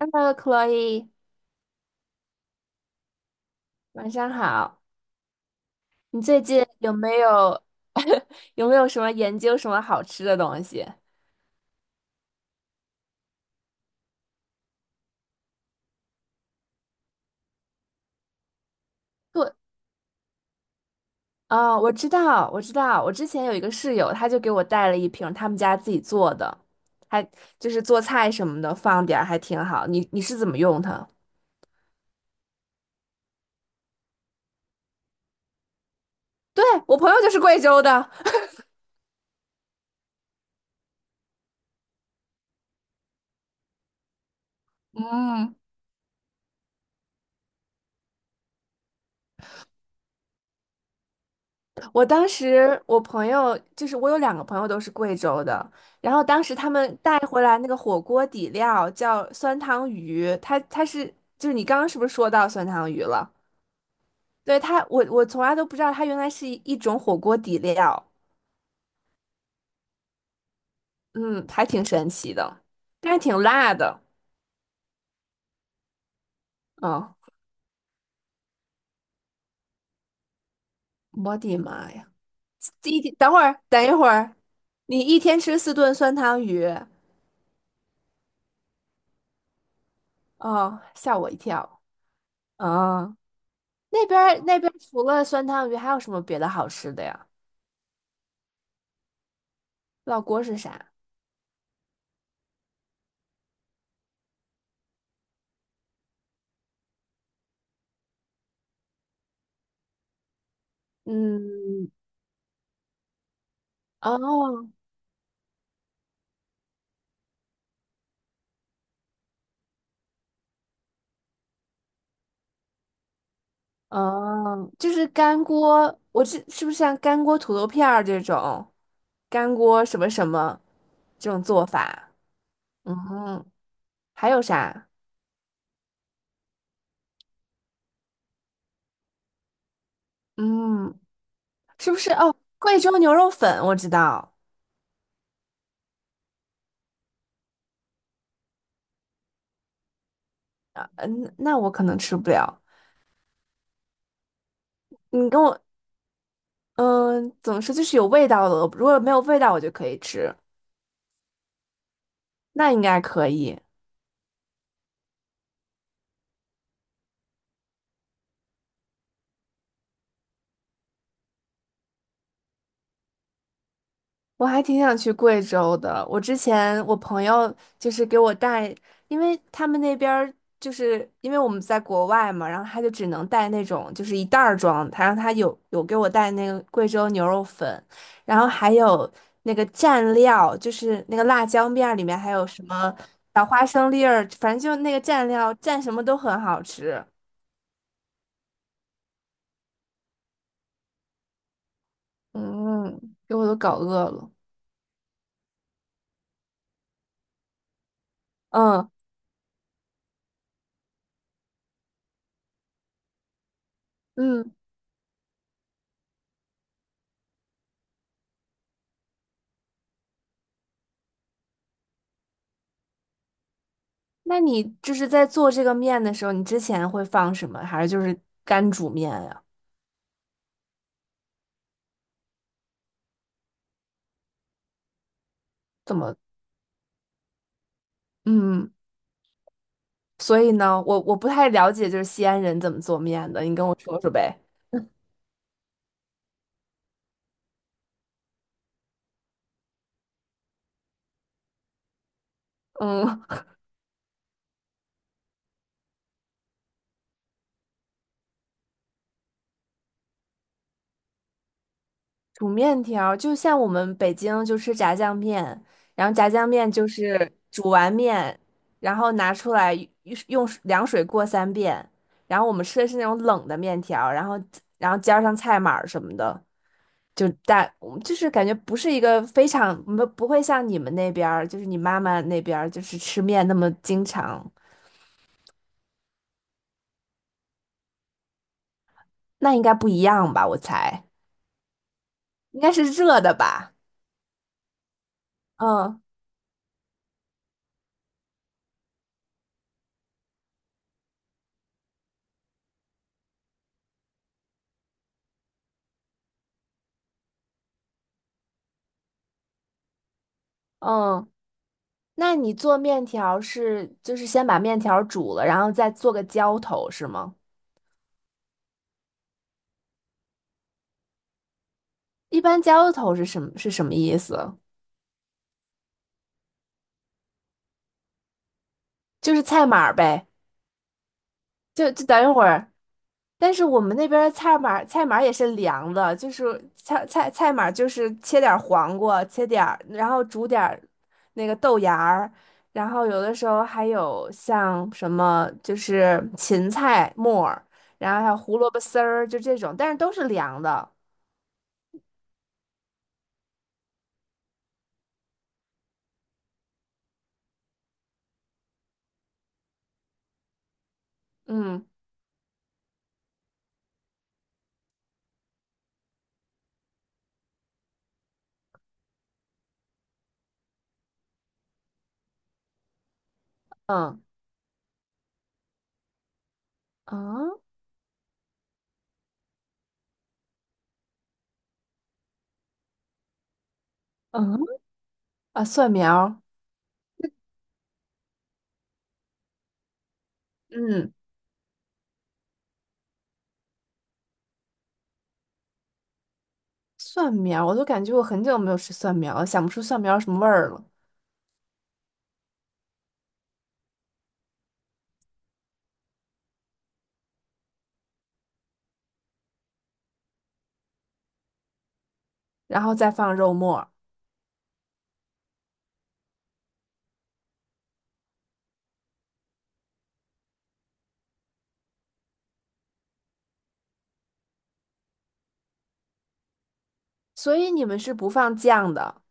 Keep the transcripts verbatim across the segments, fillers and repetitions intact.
Hello，Chloe，晚上好。你最近有没有 有没有什么研究什么好吃的东西？对，哦，我知道，我知道，我之前有一个室友，他就给我带了一瓶他们家自己做的，还就是做菜什么的，放点儿还挺好。你你是怎么用它？对，我朋友就是贵州的，嗯，我当时我朋友就是我有两个朋友都是贵州的，然后当时他们带回来那个火锅底料叫酸汤鱼，它它是就是你刚刚是不是说到酸汤鱼了？对它，我我从来都不知道它原来是一一种火锅底料，嗯，还挺神奇的，但是挺辣的，嗯，我的妈呀！这一天，等会儿，等一会儿，你一天吃四顿酸汤鱼，哦，吓我一跳。啊，那边儿那边儿除了酸汤鱼，还有什么别的好吃的呀？烙锅是啥？嗯，哦哦，就是干锅，我是是不是像干锅土豆片儿这种，干锅什么什么这种做法？嗯哼，还有啥？嗯，是不是？哦，贵州牛肉粉我知道。嗯，那我可能吃不了。你跟我，嗯，怎么说？就是有味道的，如果没有味道我就可以吃，那应该可以。我还挺想去贵州的。我之前我朋友就是给我带，因为他们那边儿就是因为我们在国外嘛，然后他就只能带那种就是一袋儿装，他让他有有给我带那个贵州牛肉粉，然后还有那个蘸料，就是那个辣椒面儿里面还有什么小花生粒儿，反正就那个蘸料蘸什么都很好吃。嗯，给我都搞饿了。嗯嗯。那你就是在做这个面的时候，你之前会放什么？还是就是干煮面呀？怎么？嗯，所以呢，我我不太了解，就是西安人怎么做面的，你跟我说说呗。嗯，煮面条儿就像我们北京就吃炸酱面，然后炸酱面就是煮完面，然后拿出来用用水凉水过三遍，然后我们吃的是那种冷的面条儿然后然后加上菜码儿什么的。就大，嗯就是感觉不是一个非常，不不会像你们那边儿，就是你妈妈那边儿，就是吃面那么经常，那应该不一样吧？我猜应该是热的吧？嗯嗯，那你做面条是就是先把面条煮了，然后再做个浇头是吗？一般浇头是什么是什么意思？就是菜码儿呗，就就等一会儿。但是我们那边儿菜码菜码也是凉的，就是菜菜菜码就是切点儿黄瓜，切点儿，然后煮点儿那个豆芽儿，然后有的时候还有像什么就是芹菜末儿，然后还有胡萝卜丝儿，就这种，但是都是凉的。嗯嗯嗯嗯。啊，蒜苗儿。嗯，蒜苗儿我都感觉我很久没有吃蒜苗了，想不出蒜苗儿什么味儿了，然后再放肉末儿。所以你们是不放酱的。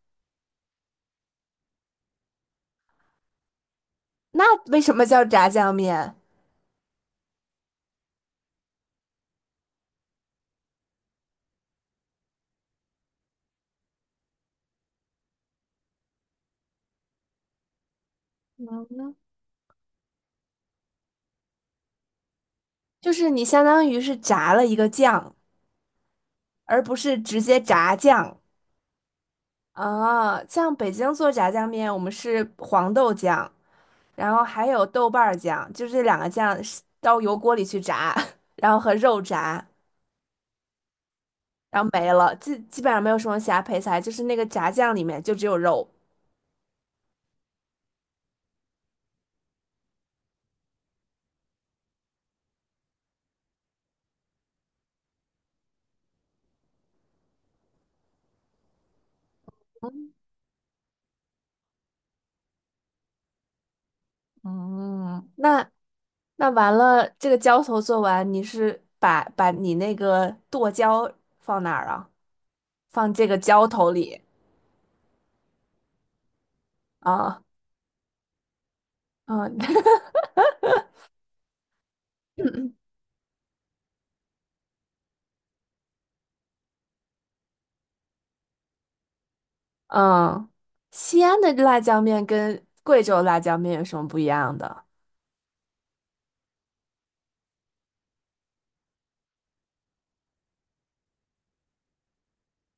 那为什么叫炸酱面？就是你相当于是炸了一个酱，而不是直接炸酱啊。像北京做炸酱面，我们是黄豆酱，然后还有豆瓣儿酱，就是这两个酱是到油锅里去炸，然后和肉炸，然后没了，基基本上没有什么其他配菜，就是那个炸酱里面就只有肉。那那完了，这个浇头做完，你是把把你那个剁椒放哪儿啊？放这个浇头里。啊，嗯 嗯，西安的辣椒面跟贵州辣椒面有什么不一样的？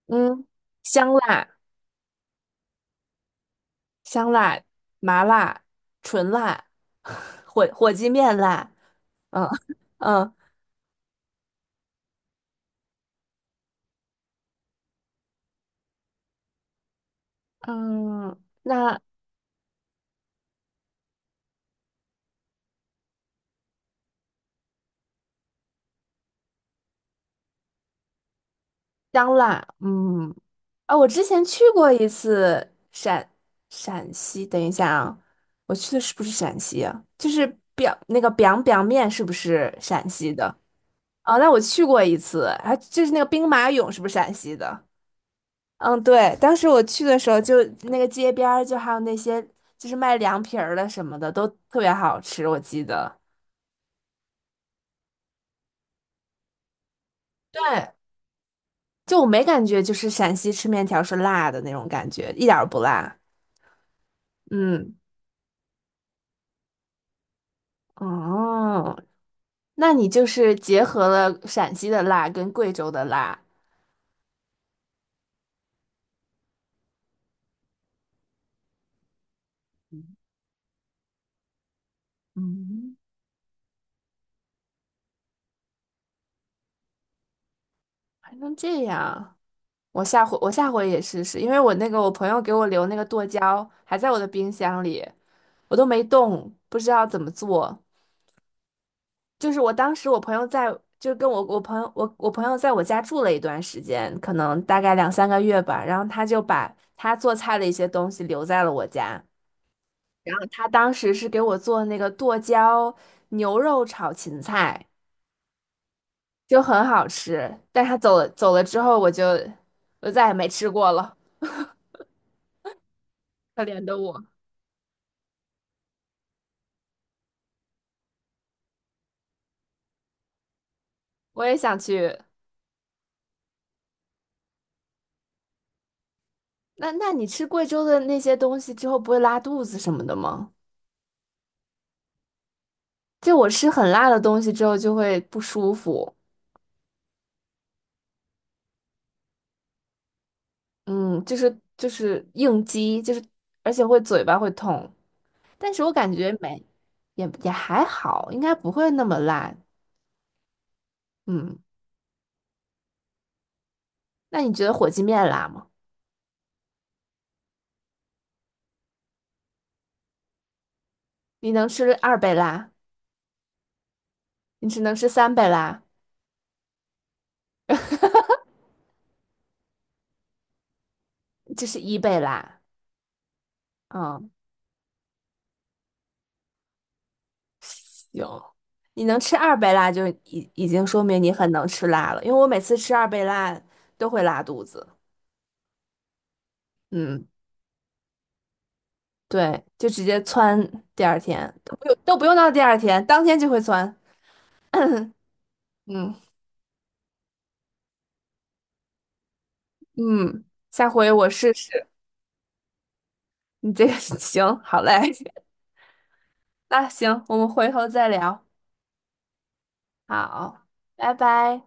嗯，香辣、香辣、麻辣、纯辣、火火鸡面辣，嗯嗯嗯，那香辣，嗯。啊，我之前去过一次陕陕西，等一下啊，我去的是不是陕西啊？就是表那个 biang biang 面是不是陕西的？哦，那我去过一次，还就是那个兵马俑，是不是陕西的？嗯，对，当时我去的时候就，那个街边儿就还有那些就是卖凉皮儿的什么的，都特别好吃，我记得。对，就我没感觉就是陕西吃面条是辣的那种感觉，一点儿不辣。嗯，哦，那你就是结合了陕西的辣跟贵州的辣，还能这样。我下回我下回也试试，因为我那个我朋友给我留那个剁椒还在我的冰箱里，我都没动，不知道怎么做。就是我当时我朋友在，就跟我我朋友我我朋友在我家住了一段时间，可能大概两三个月吧，然后他就把他做菜的一些东西留在了我家，然后他当时是给我做那个剁椒牛肉炒芹菜，就很好吃，但他走了走了之后，我就我再也没吃过了，可怜的我。我也想去。那那你吃贵州的那些东西之后，不会拉肚子什么的吗？就我吃很辣的东西之后就会不舒服，嗯，就是就是应激，就是而且会嘴巴会痛。但是我感觉没，也也还好，应该不会那么辣。嗯，那你觉得火鸡面辣吗？你能吃二倍辣？你只能吃三倍辣，就是一倍辣。嗯，行，你能吃二倍辣就已已经说明你很能吃辣了，因为我每次吃二倍辣都会拉肚子。嗯，对，就直接窜第二天，都不用都不用到第二天，当天就会窜。嗯嗯，下回我试试。你这个 行，好嘞，那行，我们回头再聊。好，拜拜。